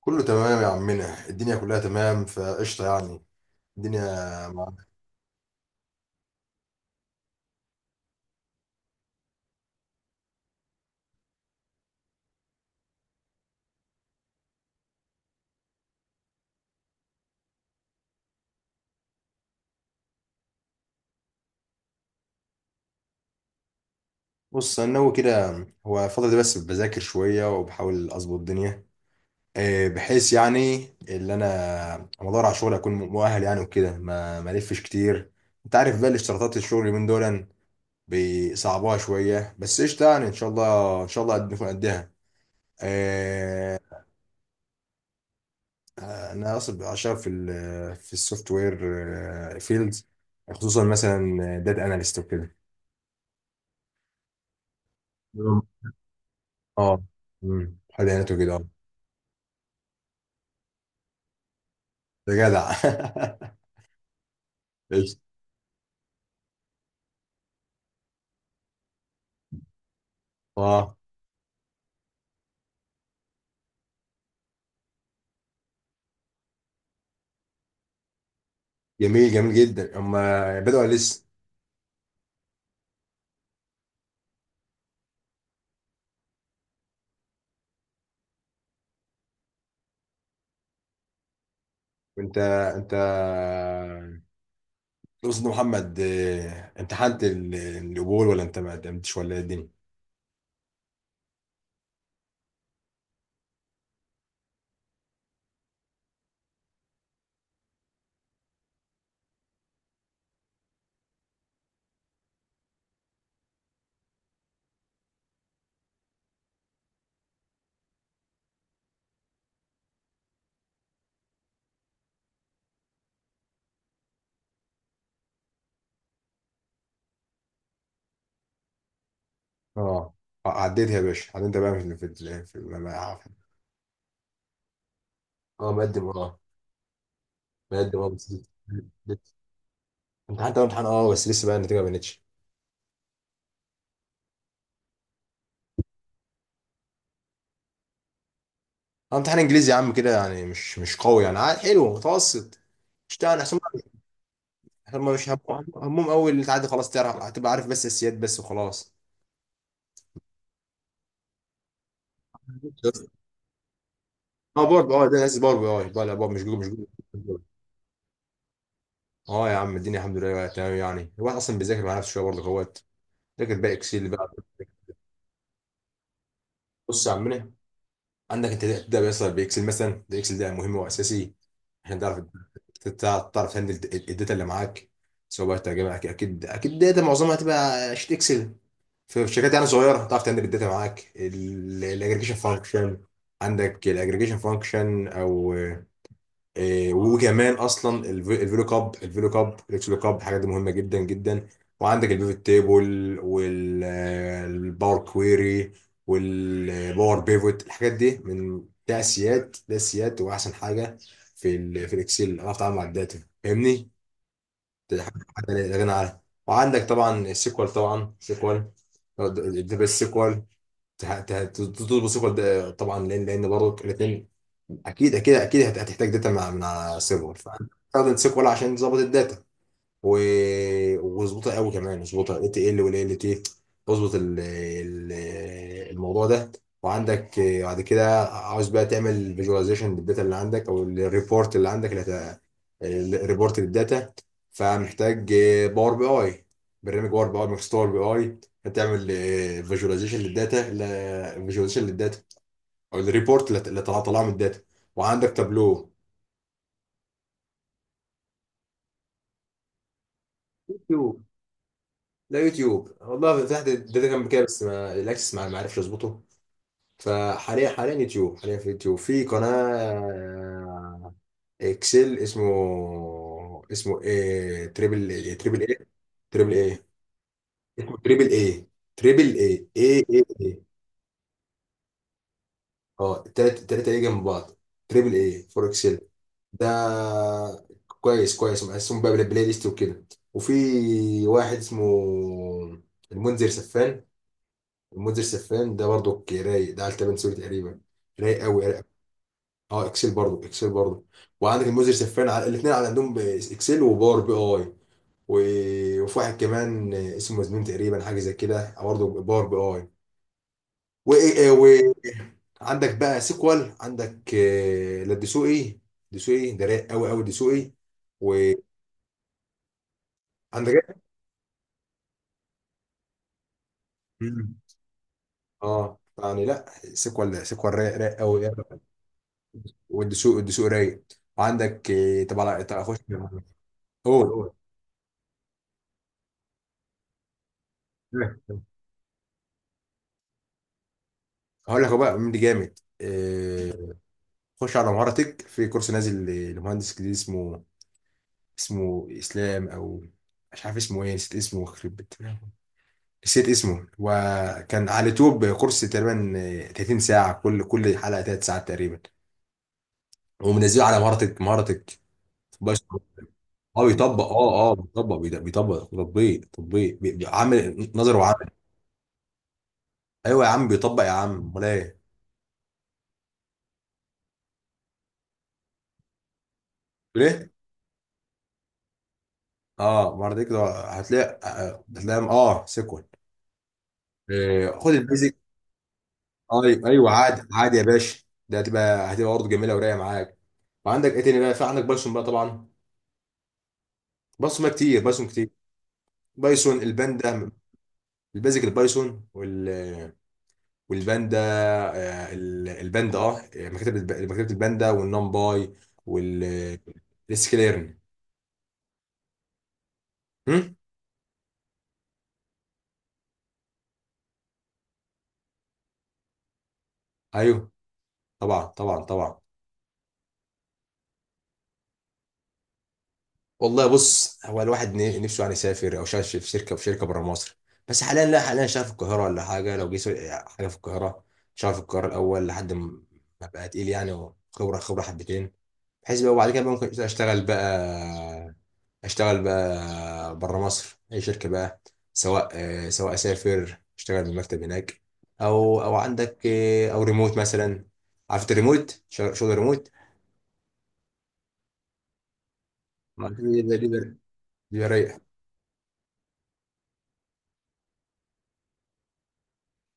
كله تمام يا عمنا، الدنيا كلها تمام فقشطة يعني. الدنيا مع... بص انا ناوي كده. هو الفترة دي بس بذاكر شوية وبحاول اظبط الدنيا. بحيث يعني اللي انا أما ادور على شغل اكون مؤهل يعني وكده ما الفش كتير. انت عارف بقى الاشتراطات الشغل من دول بيصعبوها شوية، بس قشطة يعني. ان شاء الله ان شاء الله نكون قدها. آه، انا اصلا اشتغل في السوفت وير فيلد، خصوصا مثلا داتا اناليست وكده. مم. اه. حد عينته كده اه. ده جدع. قشطة. اه. جميل جميل جدا. هم بدأوا لسه؟ وانت انت تقصد محمد، امتحنت القبول ولا انت ما قدمتش ولا ايه الدنيا؟ اه. عديتها يا باشا، عديت بقى في في في, في ما- ما- اه مقدم اه، مقدم اه بس. امتحنت اول امتحان اه، بس لسه بقى النتيجه ما بانتش. امتحان انجليزي يا عم كده، يعني مش مش قوي يعني، عاد حلو متوسط، مش تعرف. احنا ما مش هم- همهم اول تعدي خلاص تعرف، هتبقى عارف بس السياد بس وخلاس. اه باور بي اه، ده ناس باور بي اي بقى، لا باور مش جوجل مش جوجل. اه يا عم الدنيا الحمد لله بقى تمام يعني. الواحد اصلا بيذاكر مع نفسه شويه برضه اخوات. ذاكر بقى اكسل بقى. بص يا عمنا، عندك انت تبدا بيصل باكسل مثلا. ده اكسل ده مهم واساسي عشان تعرف تعرف تهندل الداتا اللي معاك، سواء بقى ترجمه. اكيد اكيد اكيد داتا معظمها هتبقى شيت اكسل. في شركات يعني صغيره تعرف تعمل الداتا معاك الاجريجيشن فانكشن. عندك الاجريجيشن فانكشن او وكمان اصلا الفيلو اب الاكس اب، الحاجات دي مهمه جدا جدا. وعندك البيفت تيبل والباور كويري والباور بيفوت. الحاجات دي من تأسيات واحسن حاجه في الاكسل. اعرف اتعامل مع الداتا، فاهمني؟ حاجة لا غنى عنها. وعندك طبعا سيكوال. طبعا سيكوال، بس سيكوال تطلب سيكوال ده طبعا، لان برضه الاثنين. اكيد اكيد اكيد هتحتاج داتا من على سيرفر، فاستخدم سيكوال عشان تظبط الداتا و... وظبطها قوي كمان. اظبطها ات ال ولا ال تي. اظبط ال... ال... الموضوع ده. وعندك، بعد كده عاوز بقى تعمل فيجواليزيشن للداتا اللي عندك او الريبورت اللي عندك الريبورت للداتا. فمحتاج باور بي اي. برنامج باور بي اي مايكروسوفت، باور بي اي تعمل فيجواليزيشن للداتا. فيجواليزيشن للداتا او الريبورت اللي طلع من الداتا. وعندك تابلو. لا يوتيوب والله. فتحت الداتا كان بكده بس ما الاكسس ما عرفش اظبطه. فحاليا، حاليا يوتيوب، حاليا في يوتيوب في قناه اكسل، اسمه، اسمه ايه، تريبل ايه. اسمه تريبل ايه. تريبل ايه ايه ايه ايه. اه التلاتة التلاتة ايه جنب بعض. تريبل ايه فور اكسل. ده كويس كويس، مقسم بقى بلاي ليست وكده. وفي واحد اسمه المنذر سفان. المنذر سفان ده برضو رايق، ده على تبن سوري تقريبا. رايق قوي رايق. اه اكسل برضو، اكسل برضو. وعندك المنذر سفان على الاثنين، على عندهم اكسل وباور بي اي. وفي واحد كمان اسمه مزنون تقريبا، حاجه زي كده، برضو باور بي اي و- وعندك بقى سيكوال. عندك لا دسوقي. دسوقي ده رايق قوي قوي دسوقي. وعندك. مم. اه يعني لا، سيكوال سيكوال رايق رايق قوي. والدسوق الدسوق رايق. وعندك، طب على طب اخش. هو هقول لك، هو بقى مين اللي جامد. خش على مهارتك، في كورس نازل لمهندس جديد اسمه، اسمه اسلام او مش عارف اسمه ايه، نسيت اسمه خرب بيت. نسيت اسمه. وكان على اليوتيوب كورس، تقريبا 30 ساعه، كل حلقه 3 ساعات تقريبا. ومنزله على مهارتك، مهارتك بس. اه بيطبق اه. اه بيطبق بيطبق تطبيق، عامل نظر وعمل. ايوه يا عم بيطبق يا عم، امال ايه؟ ليه؟ اه بعد كده هتلاقي، هتلاقي اه سيكوال. آه خد البيزك. ايوه ايوه عادي عادي يا باشا. ده هتبقى هتبقى برضه جميله ورايقه معاك. وعندك ايه تاني بقى؟ في عندك بايثون بقى طبعا. بايثون بقى كتير، بايثون كتير. بايثون الباندا. البيزك البايثون والباندا. الباندا اه، مكتبه مكتبه الباندا والنمباي وال السكليرن. هم؟ ايوه طبعا طبعا طبعا. والله بص، هو الواحد نفسه يعني يسافر او شغال في شركه، في شركه بره مصر. بس حاليا لا، حاليا شغال في القاهره ولا حاجه. حاجه في القاهره، شغال في القاهره الاول لحد ما بقى تقيل يعني، وخبره حبتين. بحيث بقى، وبعد كده بقى ممكن اشتغل بقى، اشتغل بقى بره مصر اي شركه بقى. سواء سواء اسافر اشتغل من المكتب هناك، او عندك او ريموت مثلا. عارف الريموت، شغل شغل ريموت. دي دي- دي- دي- دي-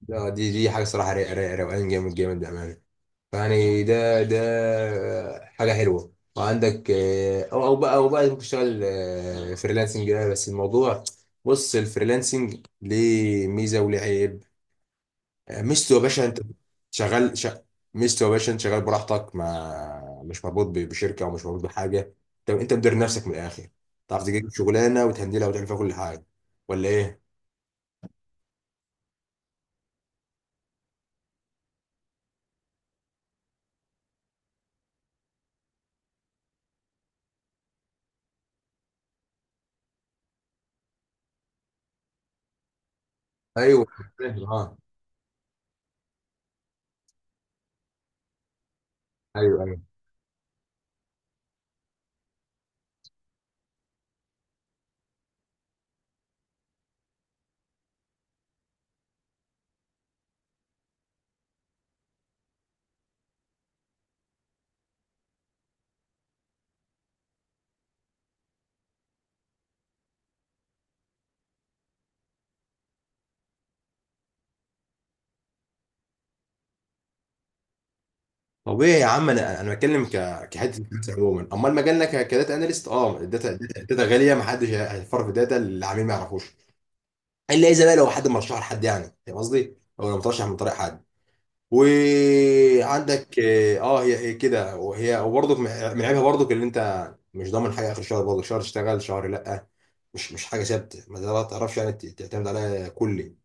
لا دي دي حاجه صراحه روقان جامد جامد بامانه، يعني ده ده، حاجه حلوه. وعندك او بقى ممكن تشتغل فريلانسنج. ده بس الموضوع، بص الفريلانسنج ليه ميزه وليه عيب. آه، ميزته يا باشا انت شغال ش... ميزته يا باشا انت شغال براحتك، ما مش مربوط بشركه ومش مربوط بحاجه. طب انت مدير نفسك من الاخر، تعرف تجيب شغلانه وتهندلها وتعمل فيها كل حاجه، ولا ايه؟ ايوه فاهم اه. ايوه ايوه. طبيعي يا عم. انا بتكلم كحته الفلوس عموما. امال مجالنا كداتا اناليست اه، الداتا الداتا الداتا غاليه، ما حدش هيفر في داتا العميل ما يعرفوش. الا اذا بقى لو حد مرشح لحد، يعني فاهم قصدي، او لو مترشح من طريق حد. وعندك اه هي هي كده. وهي وبرضك من عيبها برضك اللي انت مش ضامن حاجه اخر الشهر، برضك شهر تشتغل شهر لا. مش مش حاجه ثابته ما تعرفش يعني تعتمد عليها كلي،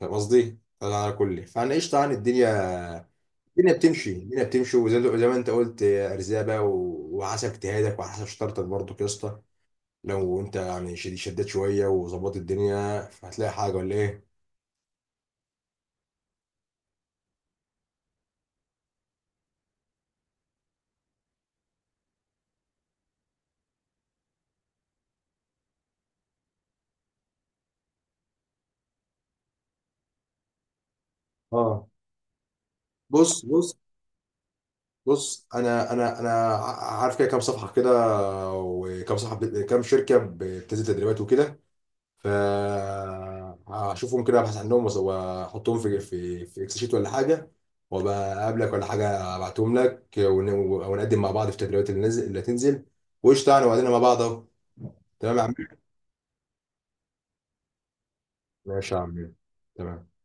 فاهم قصدي؟ تعتمد عليها كلي. فانا قشطه يعني، الدنيا الدنيا بتمشي، الدنيا بتمشي. وزي زي ما انت قلت، يا ارزاق وحسب اجتهادك وحسب شطارتك برضو يا اسطى. لو انت يعني شديت شويه وظبطت الدنيا فهتلاقي حاجه، ولا ايه؟ اه. بص بص بص، انا عارف كده كام صفحه كده، وكام صفحه كام شركه بتنزل تدريبات وكده. ف هشوفهم كده، ابحث عنهم واحطهم في في اكس شيت ولا حاجه، وابقى اقابلك ولا حاجه ابعتهم لك ونقدم مع بعض في التدريبات اللي اللي هتنزل. وقشطه يعني، وبعدين مع بعض اهو. تمام يا عم. ماشي يا عم. تمام.